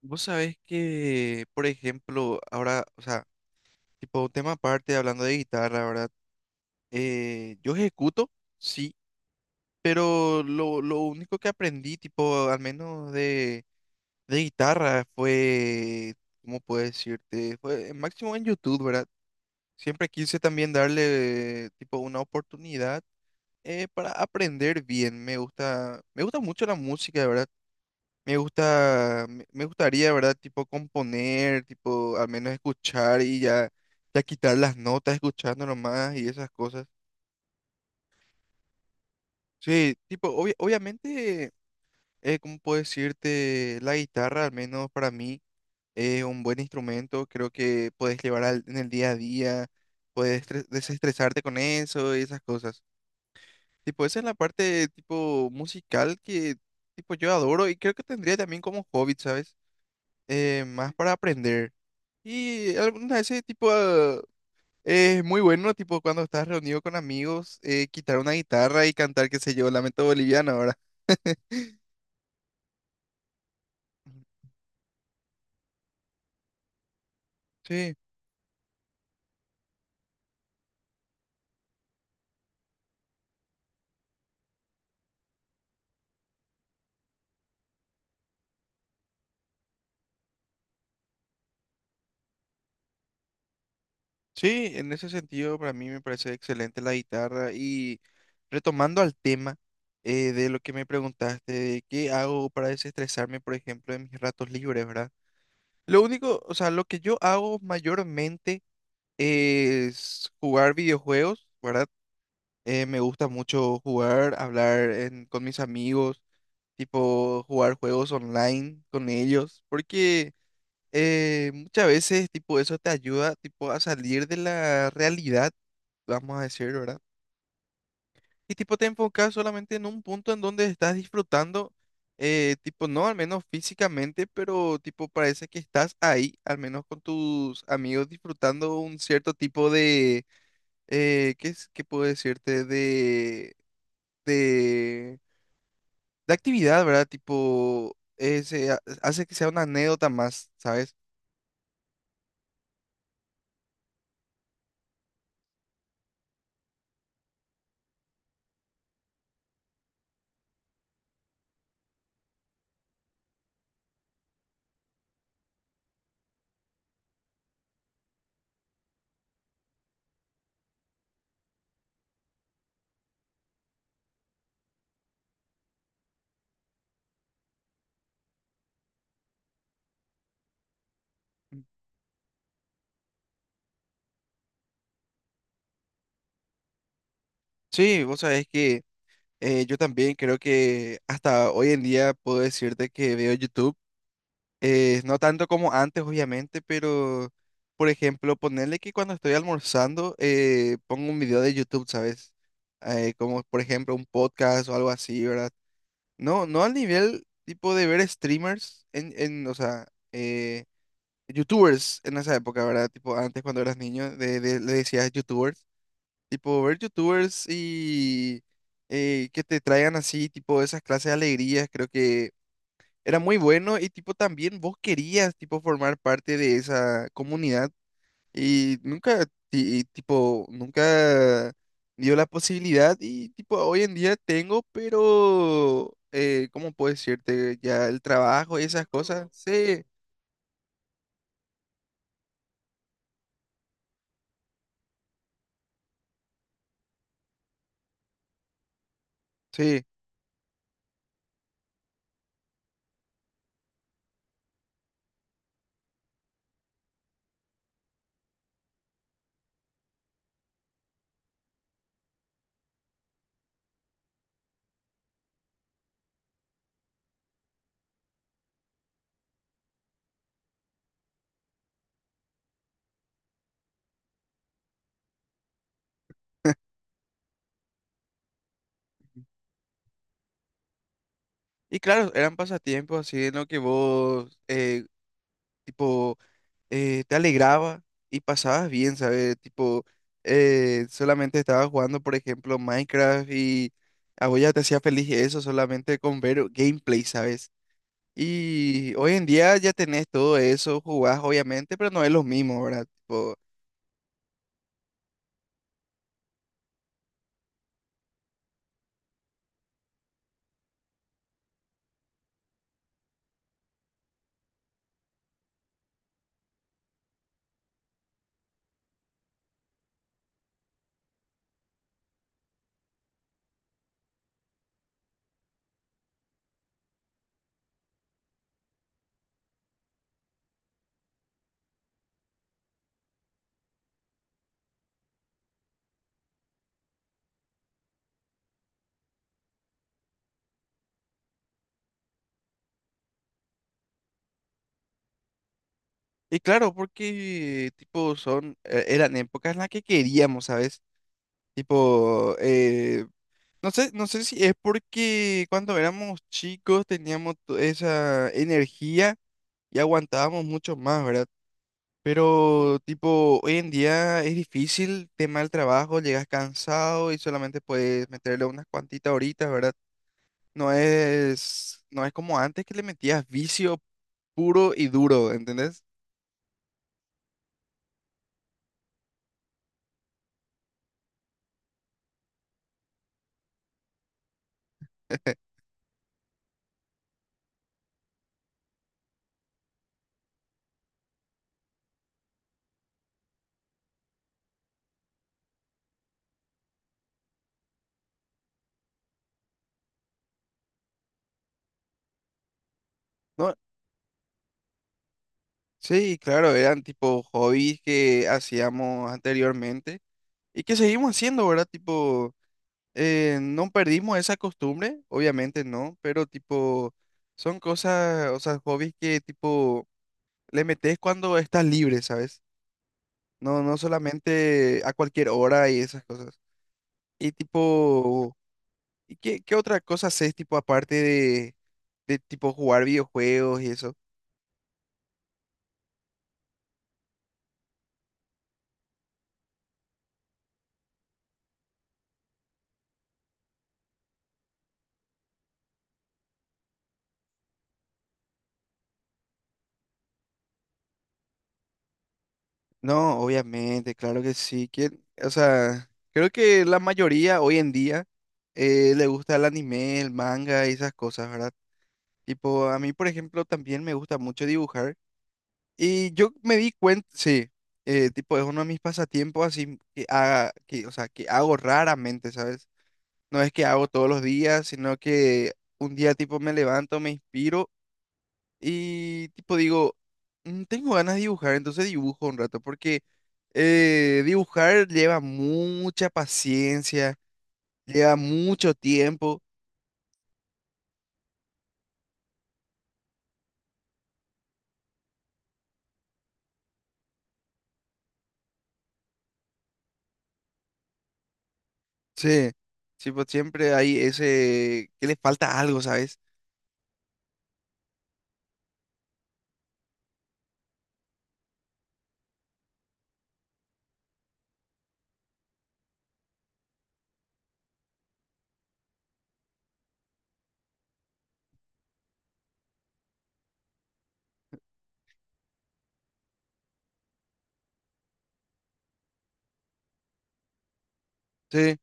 Vos sabés que, por ejemplo, ahora, o sea, tipo un tema aparte, hablando de guitarra, ¿verdad? Yo ejecuto, sí, pero lo único que aprendí, tipo, al menos de guitarra, fue, ¿cómo puedo decirte? Fue máximo en YouTube, ¿verdad? Siempre quise también darle, tipo, una oportunidad para aprender bien. Me gusta mucho la música, ¿verdad? Me gusta, me gustaría, ¿verdad? Tipo componer, tipo al menos escuchar y ya, ya quitar las notas escuchando nomás y esas cosas. Sí, tipo, obviamente, ¿cómo puedo decirte? La guitarra, al menos para mí, es un buen instrumento. Creo que puedes llevar en el día a día, puedes desestresarte con eso y esas cosas. Tipo, esa es la parte, tipo, musical que, tipo, yo adoro y creo que tendría también como hobby, ¿sabes? Más para aprender. Y alguna ese tipo es muy bueno, tipo cuando estás reunido con amigos, quitar una guitarra y cantar, qué sé yo, Lamento Boliviano ahora. Sí, sí, en ese sentido para mí me parece excelente la guitarra y retomando al tema de lo que me preguntaste, de qué hago para desestresarme, por ejemplo, en mis ratos libres, ¿verdad? Lo único, o sea, lo que yo hago mayormente es jugar videojuegos, ¿verdad? Me gusta mucho jugar, hablar con mis amigos, tipo jugar juegos online con ellos, porque muchas veces tipo eso te ayuda tipo a salir de la realidad, vamos a decir, ¿verdad? Y tipo te enfocas solamente en un punto en donde estás disfrutando, tipo no al menos físicamente, pero tipo parece que estás ahí, al menos con tus amigos disfrutando un cierto tipo de ¿qué es, qué puedo decirte? de, de actividad, ¿verdad? Tipo, se hace que sea una anécdota más, ¿sabes? Sí, vos sabés que yo también creo que hasta hoy en día puedo decirte que veo YouTube, no tanto como antes, obviamente, pero, por ejemplo, ponerle que cuando estoy almorzando pongo un video de YouTube, ¿sabes? Como, por ejemplo, un podcast o algo así, ¿verdad? No, no al nivel tipo de ver streamers en o sea... eh, youtubers en esa época, ¿verdad? Tipo, antes cuando eras niño, le decías youtubers. Tipo, ver youtubers y que te traigan así, tipo, esas clases de alegrías, creo que era muy bueno y tipo, también vos querías, tipo, formar parte de esa comunidad y nunca, y, tipo, nunca dio la posibilidad y tipo, hoy en día tengo, pero, ¿cómo puedo decirte? Ya el trabajo y esas cosas, sí, sí. Y claro, eran pasatiempos así en lo que vos, tipo, te alegraba y pasabas bien, ¿sabes? Tipo, solamente estabas jugando, por ejemplo, Minecraft y a vos ya te hacía feliz eso solamente con ver gameplay, ¿sabes? Y hoy en día ya tenés todo eso, jugás obviamente, pero no es lo mismo, ¿verdad? Tipo, y claro, porque, tipo, son, eran épocas en las que queríamos, ¿sabes? Tipo, no sé, no sé si es porque cuando éramos chicos teníamos esa energía y aguantábamos mucho más, ¿verdad? Pero tipo, hoy en día es difícil, tema del trabajo, llegas cansado y solamente puedes meterle unas cuantitas horitas, ¿verdad? No es, no es como antes que le metías vicio puro y duro, ¿entendés? No, sí, claro, eran tipo hobbies que hacíamos anteriormente y que seguimos haciendo, ¿verdad? Tipo. No perdimos esa costumbre, obviamente no, pero tipo, son cosas, o sea, hobbies que tipo le metes cuando estás libre, ¿sabes? No, no solamente a cualquier hora y esas cosas. Y tipo, ¿y qué, qué otra cosa haces tipo aparte de tipo jugar videojuegos y eso? No, obviamente, claro que sí. ¿Quién? O sea, creo que la mayoría hoy en día le gusta el anime, el manga y esas cosas, ¿verdad? Tipo, a mí, por ejemplo, también me gusta mucho dibujar. Y yo me di cuenta, sí, tipo, es uno de mis pasatiempos así que haga, que, o sea, que hago raramente, ¿sabes? No es que hago todos los días, sino que un día, tipo, me levanto, me inspiro y, tipo, digo, "Mm, tengo ganas de dibujar, entonces dibujo un rato, porque dibujar lleva mucha paciencia, lleva mucho tiempo, sí. Sí, pues siempre hay ese que le falta algo, ¿sabes? Sí.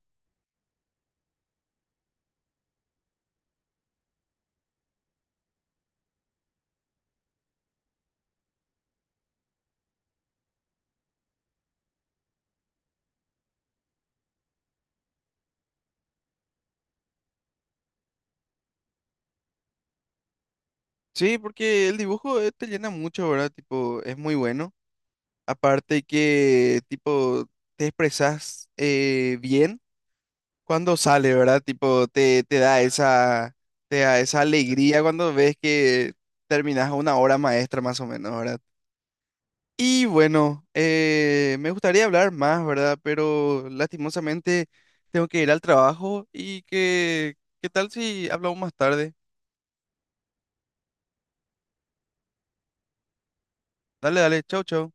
Sí, porque el dibujo te llena mucho, ¿verdad? Tipo, es muy bueno. Aparte que, tipo, te expresas bien cuando sale, ¿verdad? Tipo, te, te da esa alegría cuando ves que terminas una obra maestra, más o menos, ¿verdad? Y bueno, me gustaría hablar más, ¿verdad? Pero lastimosamente tengo que ir al trabajo y que, ¿qué tal si hablamos más tarde? Dale, dale, chau, chau.